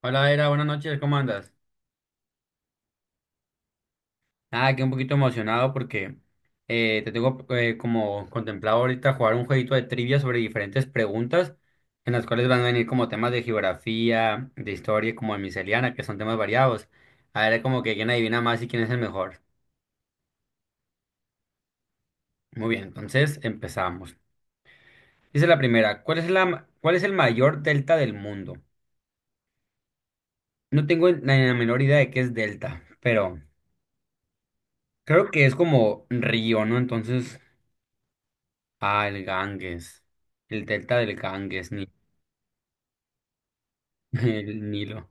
Hola, Era, buenas noches, ¿cómo andas? Ah, aquí un poquito emocionado porque te tengo como contemplado ahorita jugar un jueguito de trivia sobre diferentes preguntas en las cuales van a venir como temas de geografía, de historia, como de miscelánea, que son temas variados. A ver, como que quién adivina más y quién es el mejor. Muy bien, entonces empezamos. Dice la primera, cuál es el mayor delta del mundo? No tengo la menor idea de qué es delta, pero creo que es como río, ¿no? Entonces, ah, el Ganges, el delta del Ganges, ni, el Nilo.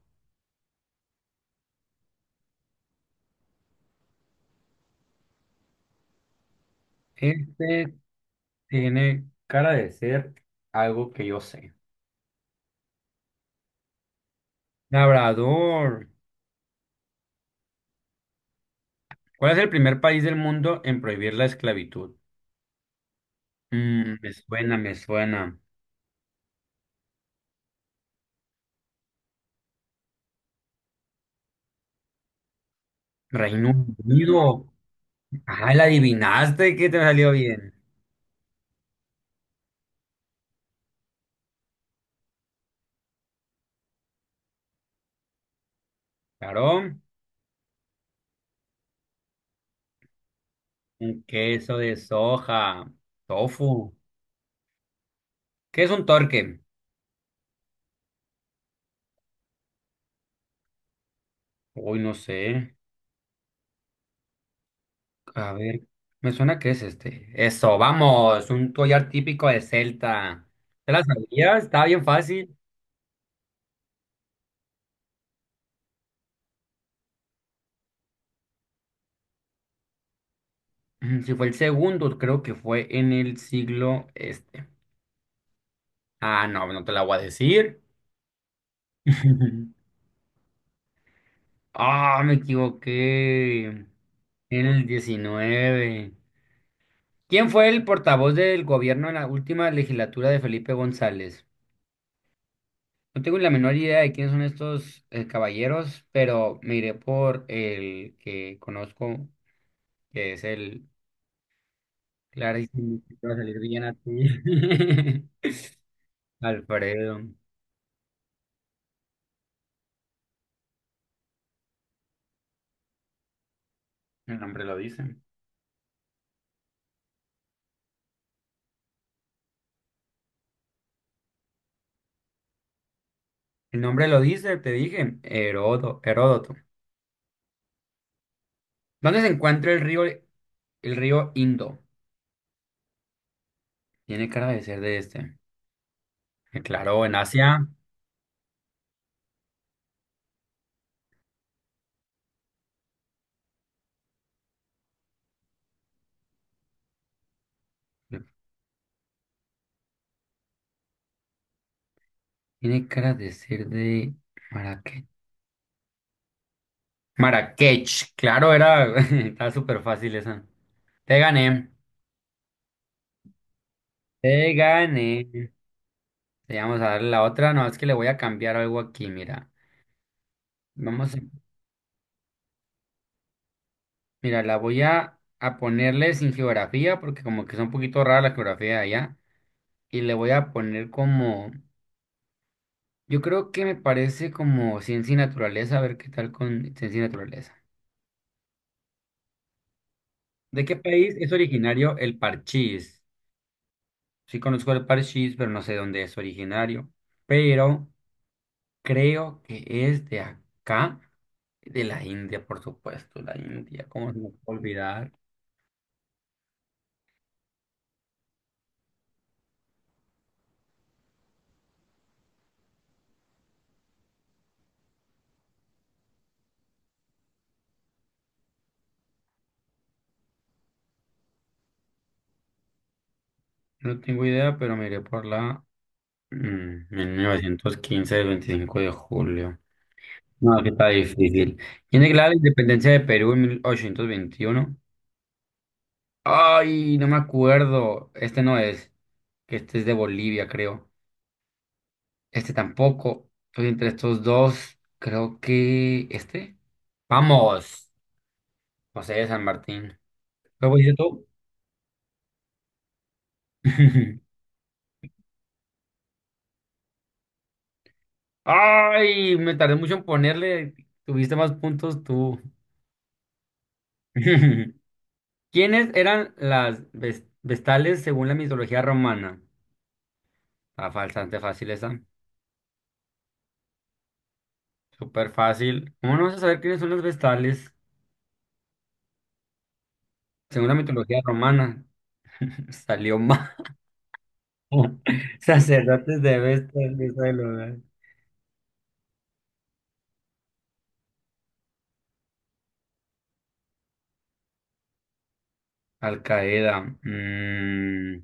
Este tiene cara de ser algo que yo sé. Labrador, ¿cuál es el primer país del mundo en prohibir la esclavitud? Me suena, me suena. Reino Unido. Ah, la adivinaste que te salió bien. Claro, un queso de soja, tofu. ¿Qué es un torque? Uy, no sé. A ver, me suena que es este. Eso, vamos, un collar típico de Celta. ¿Te la sabías? Estaba bien fácil. Si fue el segundo, creo que fue en el siglo este. Ah, no, no te la voy a decir. Ah, me equivoqué. En el 19. ¿Quién fue el portavoz del gobierno en la última legislatura de Felipe González? No tengo la menor idea de quiénes son estos caballeros, pero me iré por el que conozco, que es el clarísimo que te va a salir bien a ti. Alfredo, el nombre lo dice. El nombre lo dice, te dije, Herodo, Heródoto. ¿Dónde se encuentra el río Indo? Tiene cara de ser de este. Claro, en Asia. Tiene cara de ser de Marrakech. Marrakech, claro, era. Está súper fácil esa. Te gané. Te gané. Te vamos a dar la otra. No, es que le voy a cambiar algo aquí, mira. Vamos a, mira, la voy a ponerle sin geografía porque como que es un poquito rara la geografía de allá. Y le voy a poner como, yo creo que me parece como ciencia y naturaleza, a ver qué tal con ciencia y naturaleza. ¿De qué país es originario el parchís? Sí conozco el parchís, pero no sé dónde es originario. Pero creo que es de acá, de la India, por supuesto, la India, ¿cómo se me puede olvidar? No tengo idea, pero miré por la. Mm, 1915, el 25 de julio. No, que está difícil. ¿Quién declara la independencia de Perú en 1821? Ay, no me acuerdo. Este no es. Este es de Bolivia, creo. Este tampoco. Estoy entre estos dos. Creo que este. Vamos. José de San Martín. ¿Cómo dices tú? Ay, me tardé mucho en ponerle. Tuviste más puntos tú. ¿Quiénes eran las vestales según la mitología romana? Está bastante fácil esa. Súper fácil. ¿Cómo no vas a saber quiénes son las vestales según la mitología romana? Salió mal. Sacerdotes de Vestas, diosa del hogar. Al Qaeda.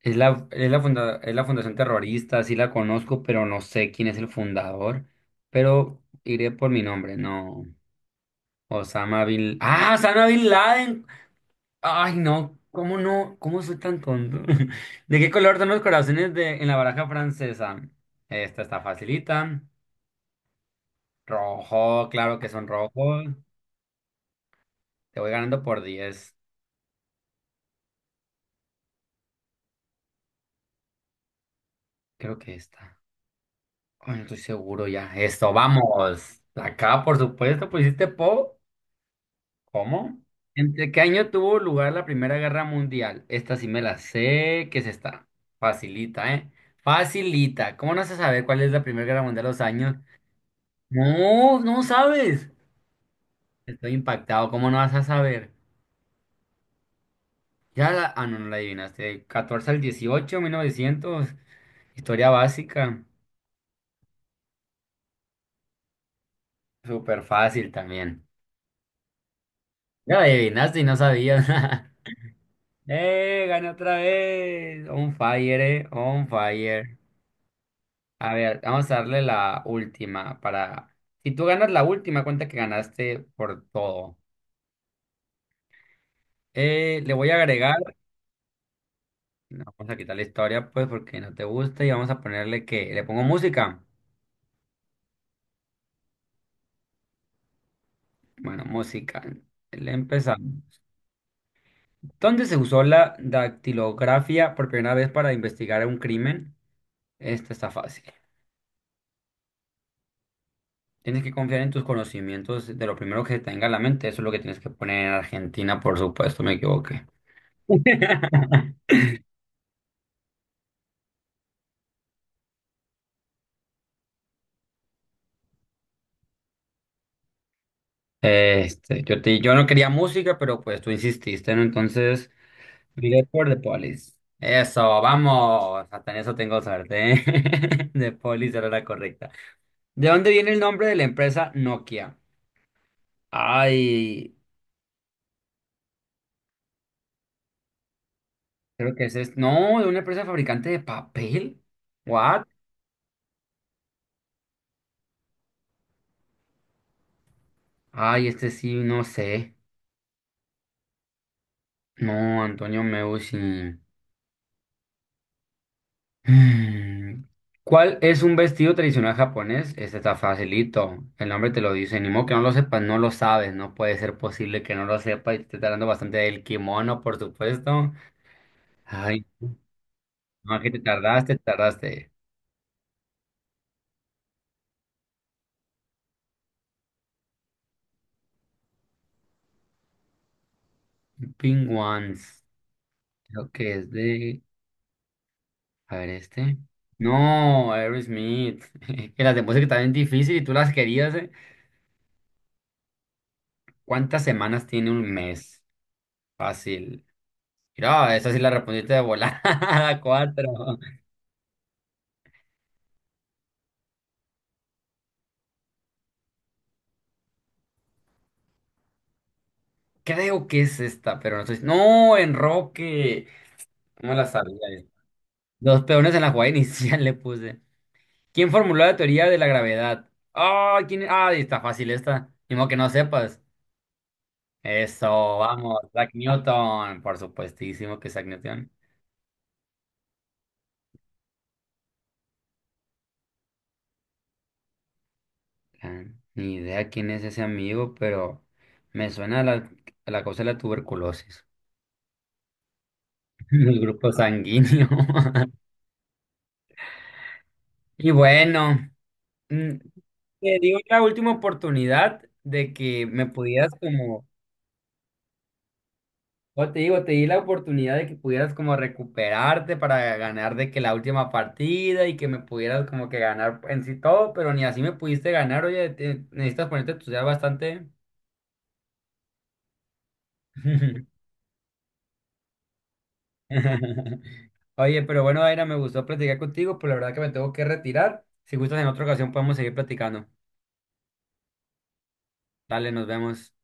Es la, es la fundación terrorista, sí la conozco, pero no sé quién es el fundador. Pero iré por mi nombre, no. Osama Bin... ¡Ah! Osama Bin Laden. Ay, no, ¿cómo no? ¿Cómo soy tan tonto? ¿De qué color son los corazones de, en la baraja francesa? Esta está facilita. Rojo, claro que son rojos. Te voy ganando por 10. Creo que esta. Ay, no estoy seguro ya. Esto, vamos. Acá, por supuesto, pusiste Po. ¿Cómo? ¿Entre qué año tuvo lugar la Primera Guerra Mundial? Esta sí me la sé. ¿Qué es esta? Facilita, ¿eh? Facilita. ¿Cómo no se sabe cuál es la Primera Guerra Mundial de los años? No, no sabes. Estoy impactado. ¿Cómo no vas a saber? Ya la... Ah, no, no la adivinaste. De 14 al 18, 1900. Historia básica. Súper fácil también. Ya la adivinaste y no sabías. ¡Eh! Gané otra vez. On fire, eh. On fire. A ver, vamos a darle la última para... Si tú ganas la última, cuenta que ganaste por todo. Le voy a agregar... No, vamos a quitar la historia, pues, porque no te gusta y vamos a ponerle que... Le pongo música. Bueno, música. Le empezamos. ¿Dónde se usó la dactilografía por primera vez para investigar un crimen? Esta está fácil. Tienes que confiar en tus conocimientos de lo primero que tenga en la mente. Eso es lo que tienes que poner en Argentina, por supuesto, me equivoqué. Este, yo no quería música, pero pues tú insististe, ¿no? Entonces, diré por The Police. Eso, vamos. Hasta en eso tengo suerte. ¿Eh? The Police era la correcta. ¿De dónde viene el nombre de la empresa Nokia? Ay, creo que ese es. Este. No, de una empresa fabricante de papel. ¿What? Ay, este sí, no sé. No, Antonio Meucci. Mm. ¿Cuál es un vestido tradicional japonés? Este está facilito. El nombre te lo dice. Ni modo que no lo sepas, no lo sabes. No puede ser posible que no lo sepas. Y te está hablando bastante del kimono, por supuesto. Ay, no, que te tardaste, te tardaste. Pink Ones. Creo que es de. A ver este. No, Aerosmith. Que las de música también difícil y tú las querías, ¿eh? ¿Cuántas semanas tiene un mes? Fácil. Mira, esa sí la respondiste de volada. 4. Creo que es esta, pero no estoy... ¡no, enroque! ¿Cómo la sabía, eh? Los peones en la jugada inicial le puse. ¿Quién formuló la teoría de la gravedad? ¡Ah! ¿Quién... Ah, está fácil esta. Ni modo que no sepas. Eso, vamos. Isaac Newton. Por supuestísimo que Isaac Newton. Ah, ni idea quién es ese amigo, pero me suena a la cosa de la tuberculosis, el grupo sanguíneo. Y bueno, mm, te digo la última oportunidad de que me pudieras como, o te digo, te di la oportunidad de que pudieras como recuperarte para ganar de que la última partida y que me pudieras como que ganar en sí todo, pero ni así me pudiste ganar, oye, te- necesitas ponerte a estudiar bastante. Oye, pero bueno, Aira, me gustó platicar contigo, pero la verdad que me tengo que retirar. Si gustas, en otra ocasión podemos seguir platicando. Dale, nos vemos.